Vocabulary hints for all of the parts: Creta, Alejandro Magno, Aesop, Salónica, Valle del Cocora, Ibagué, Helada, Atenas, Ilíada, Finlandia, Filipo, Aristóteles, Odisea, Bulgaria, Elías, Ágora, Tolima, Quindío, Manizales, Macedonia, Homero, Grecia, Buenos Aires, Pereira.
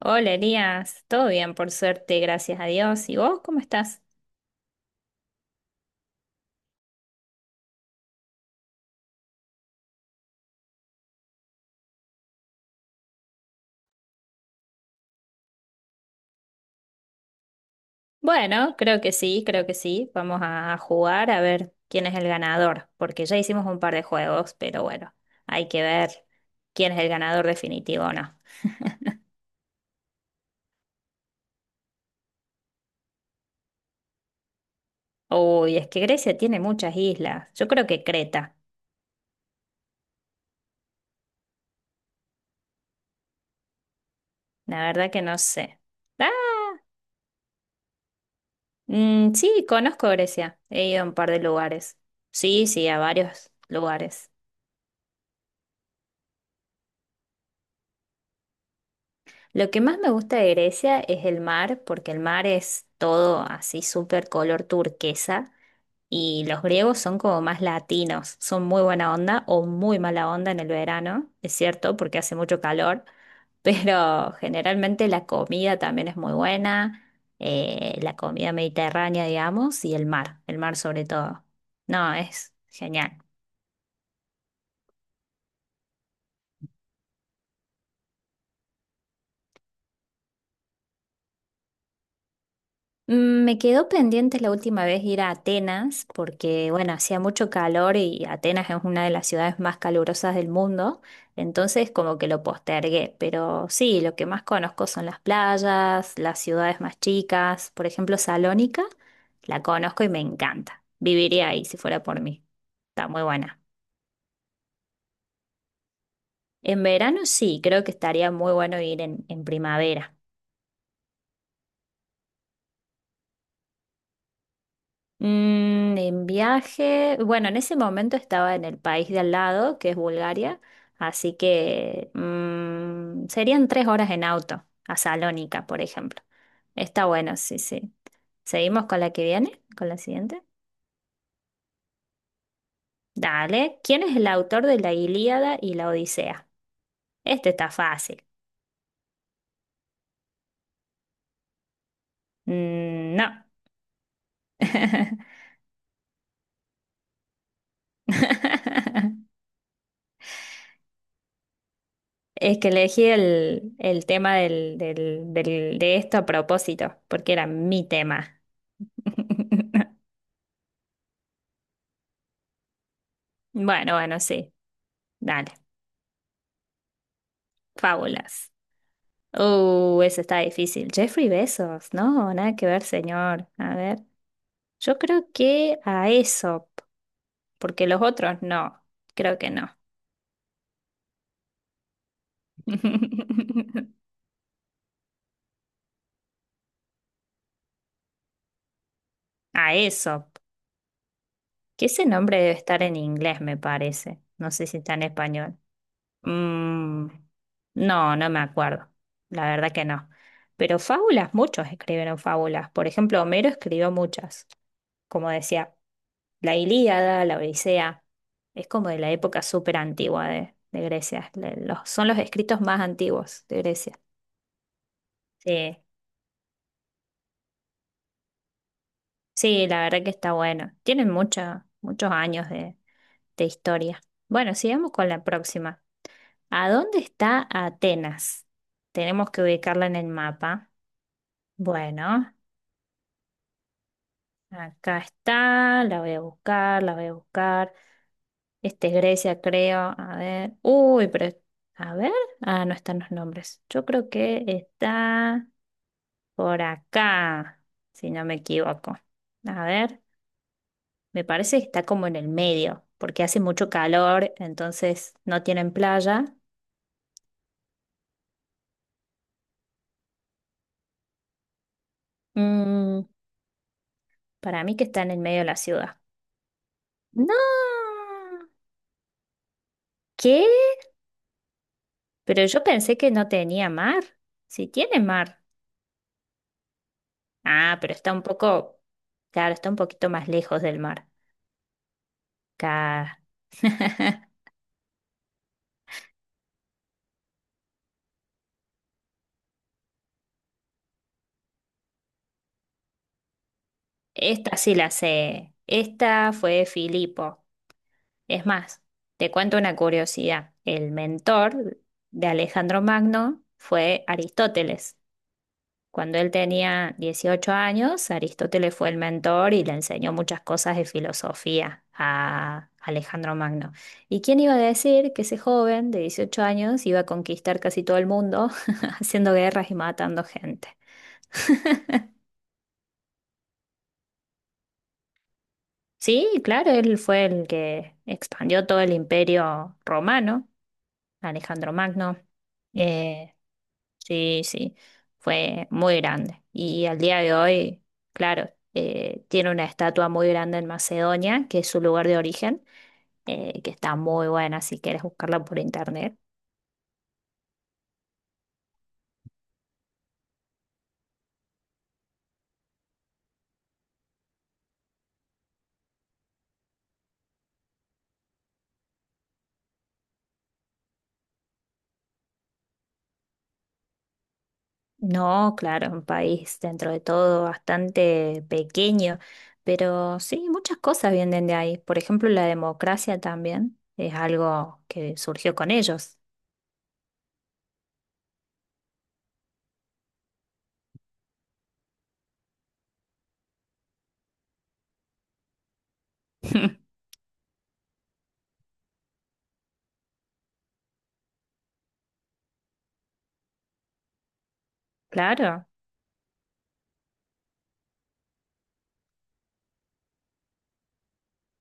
Hola Elías, todo bien por suerte, gracias a Dios. ¿Y vos cómo estás? Bueno, creo que sí, creo que sí. Vamos a jugar a ver quién es el ganador, porque ya hicimos un par de juegos, pero bueno, hay que ver quién es el ganador definitivo o no. Uy, es que Grecia tiene muchas islas. Yo creo que Creta. La verdad que no sé. Ah, sí, conozco Grecia. He ido a un par de lugares. Sí, sí, a varios lugares. Lo que más me gusta de Grecia es el mar, porque el mar es todo así súper color turquesa y los griegos son como más latinos, son muy buena onda o muy mala onda en el verano, es cierto, porque hace mucho calor, pero generalmente la comida también es muy buena, la comida mediterránea, digamos, y el mar sobre todo. No, es genial. Me quedó pendiente la última vez ir a Atenas porque, bueno, hacía mucho calor y Atenas es una de las ciudades más calurosas del mundo, entonces como que lo postergué, pero sí, lo que más conozco son las playas, las ciudades más chicas, por ejemplo, Salónica, la conozco y me encanta, viviría ahí si fuera por mí, está muy buena. En verano sí, creo que estaría muy bueno ir en primavera. En viaje, bueno, en ese momento estaba en el país de al lado, que es Bulgaria, así que serían 3 horas en auto, a Salónica, por ejemplo. Está bueno, sí, sí. ¿Seguimos con la que viene? ¿Con la siguiente? Dale. ¿Quién es el autor de la Ilíada y la Odisea? Este está fácil. Mm, no. Es que elegí el tema de esto a propósito, porque era mi tema. Bueno, bueno, sí. Dale. Fábulas. Eso está difícil. Jeffrey Bezos, no, nada que ver, señor. A ver. Yo creo que a Aesop, porque los otros no. Creo que no. A Aesop. Que ese nombre debe estar en inglés, me parece. No sé si está en español. Mm, no, no me acuerdo. La verdad que no. Pero fábulas, muchos escribieron fábulas. Por ejemplo, Homero escribió muchas. Como decía, la Ilíada, la Odisea, es como de la época súper antigua de Grecia. Son los escritos más antiguos de Grecia. Sí, sí, la verdad que está bueno. Tienen muchos años de historia. Bueno, sigamos con la próxima. ¿A dónde está Atenas? Tenemos que ubicarla en el mapa. Bueno, acá está, la voy a buscar, la voy a buscar. Este es Grecia, creo. A ver. Uy, pero. A ver. Ah, no están los nombres. Yo creo que está por acá, si no me equivoco. A ver, me parece que está como en el medio, porque hace mucho calor, entonces no tienen playa. Mm, para mí que está en el medio de la ciudad. ¡No! ¿Qué? Pero yo pensé que no tenía mar. Sí tiene mar. Ah, pero está un poco. Claro, está un poquito más lejos del mar. Claro. Esta sí la sé. Esta fue Filipo. Es más, te cuento una curiosidad. El mentor de Alejandro Magno fue Aristóteles. Cuando él tenía 18 años, Aristóteles fue el mentor y le enseñó muchas cosas de filosofía a Alejandro Magno. ¿Y quién iba a decir que ese joven de 18 años iba a conquistar casi todo el mundo haciendo guerras y matando gente? Sí, claro, él fue el que expandió todo el imperio romano, Alejandro Magno. Eh, sí, sí, fue muy grande. Y al día de hoy, claro, tiene una estatua muy grande en Macedonia, que es su lugar de origen, que está muy buena si quieres buscarla por internet. No, claro, un país dentro de todo bastante pequeño, pero sí, muchas cosas vienen de ahí. Por ejemplo, la democracia también es algo que surgió con ellos. Claro,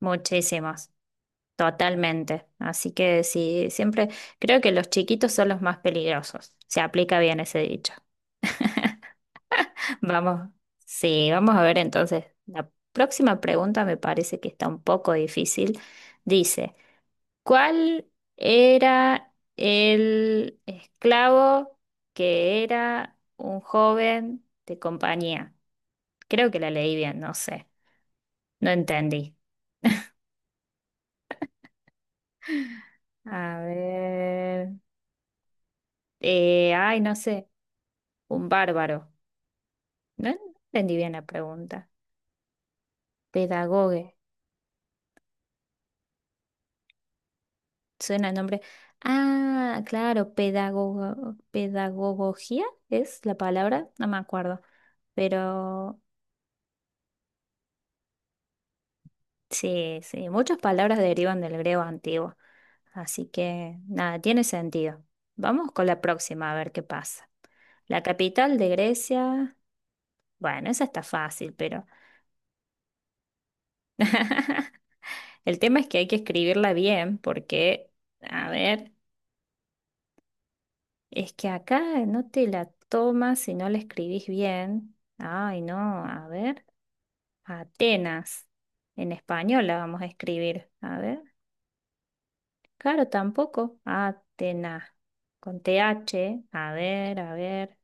muchísimos, totalmente. Así que sí, siempre creo que los chiquitos son los más peligrosos. Se aplica bien ese dicho. Vamos, sí, vamos a ver entonces. La próxima pregunta me parece que está un poco difícil. Dice. ¿Cuál era el esclavo que era un joven de compañía? Creo que la leí bien, no sé, no entendí. A ver, ay, no sé, un bárbaro. No entendí bien la pregunta. Pedagogue, suena el nombre. Ah, claro, pedagogo, pedagogía es la palabra, no me acuerdo, pero sí, sí, muchas palabras derivan del griego antiguo, así que nada, tiene sentido. Vamos con la próxima a ver qué pasa. La capital de Grecia, bueno, esa está fácil, pero el tema es que hay que escribirla bien porque, a ver, es que acá no te la tomas si no la escribís bien. Ay, no, a ver, Atenas, en español la vamos a escribir. A ver, claro, tampoco, Atenas. Con TH, a ver, a ver.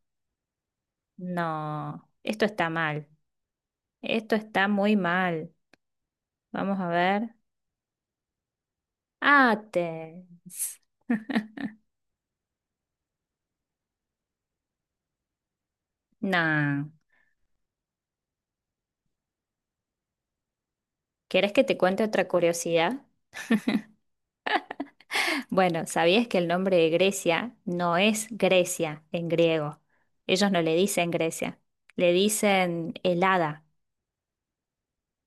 No, esto está mal. Esto está muy mal. Vamos a ver. Athens. No. ¿Querés que te cuente otra curiosidad? Bueno, ¿sabías que el nombre de Grecia no es Grecia en griego? Ellos no le dicen Grecia, le dicen Helada.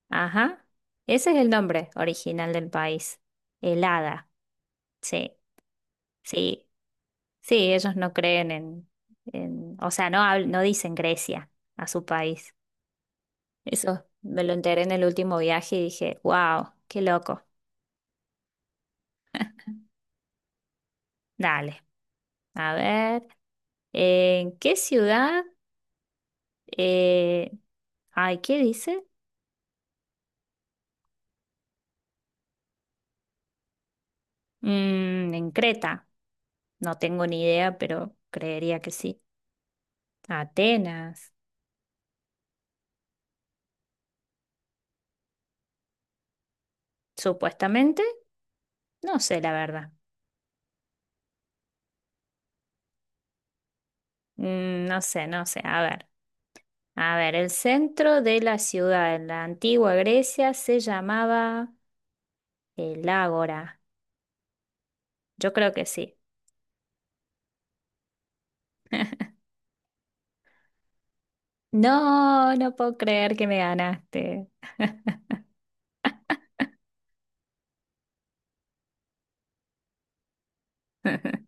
Ajá. Ese es el nombre original del país. Helada. Sí, sí. Sí, ellos no creen o sea, no, no dicen Grecia a su país. Eso me lo enteré en el último viaje y dije, wow, qué loco. Dale, a ver, ¿en qué ciudad? eh, Ay, ¿qué dice? En Creta. No tengo ni idea, pero creería que sí. Atenas, supuestamente. No sé, la verdad. Mm, no sé, no sé. A ver. A ver, el centro de la ciudad en la antigua Grecia se llamaba el Ágora. Yo creo que sí. No, no puedo creer que me ganaste.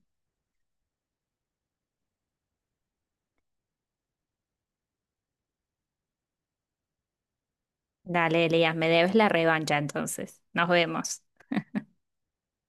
Dale, Elías, me debes la revancha entonces. Nos vemos.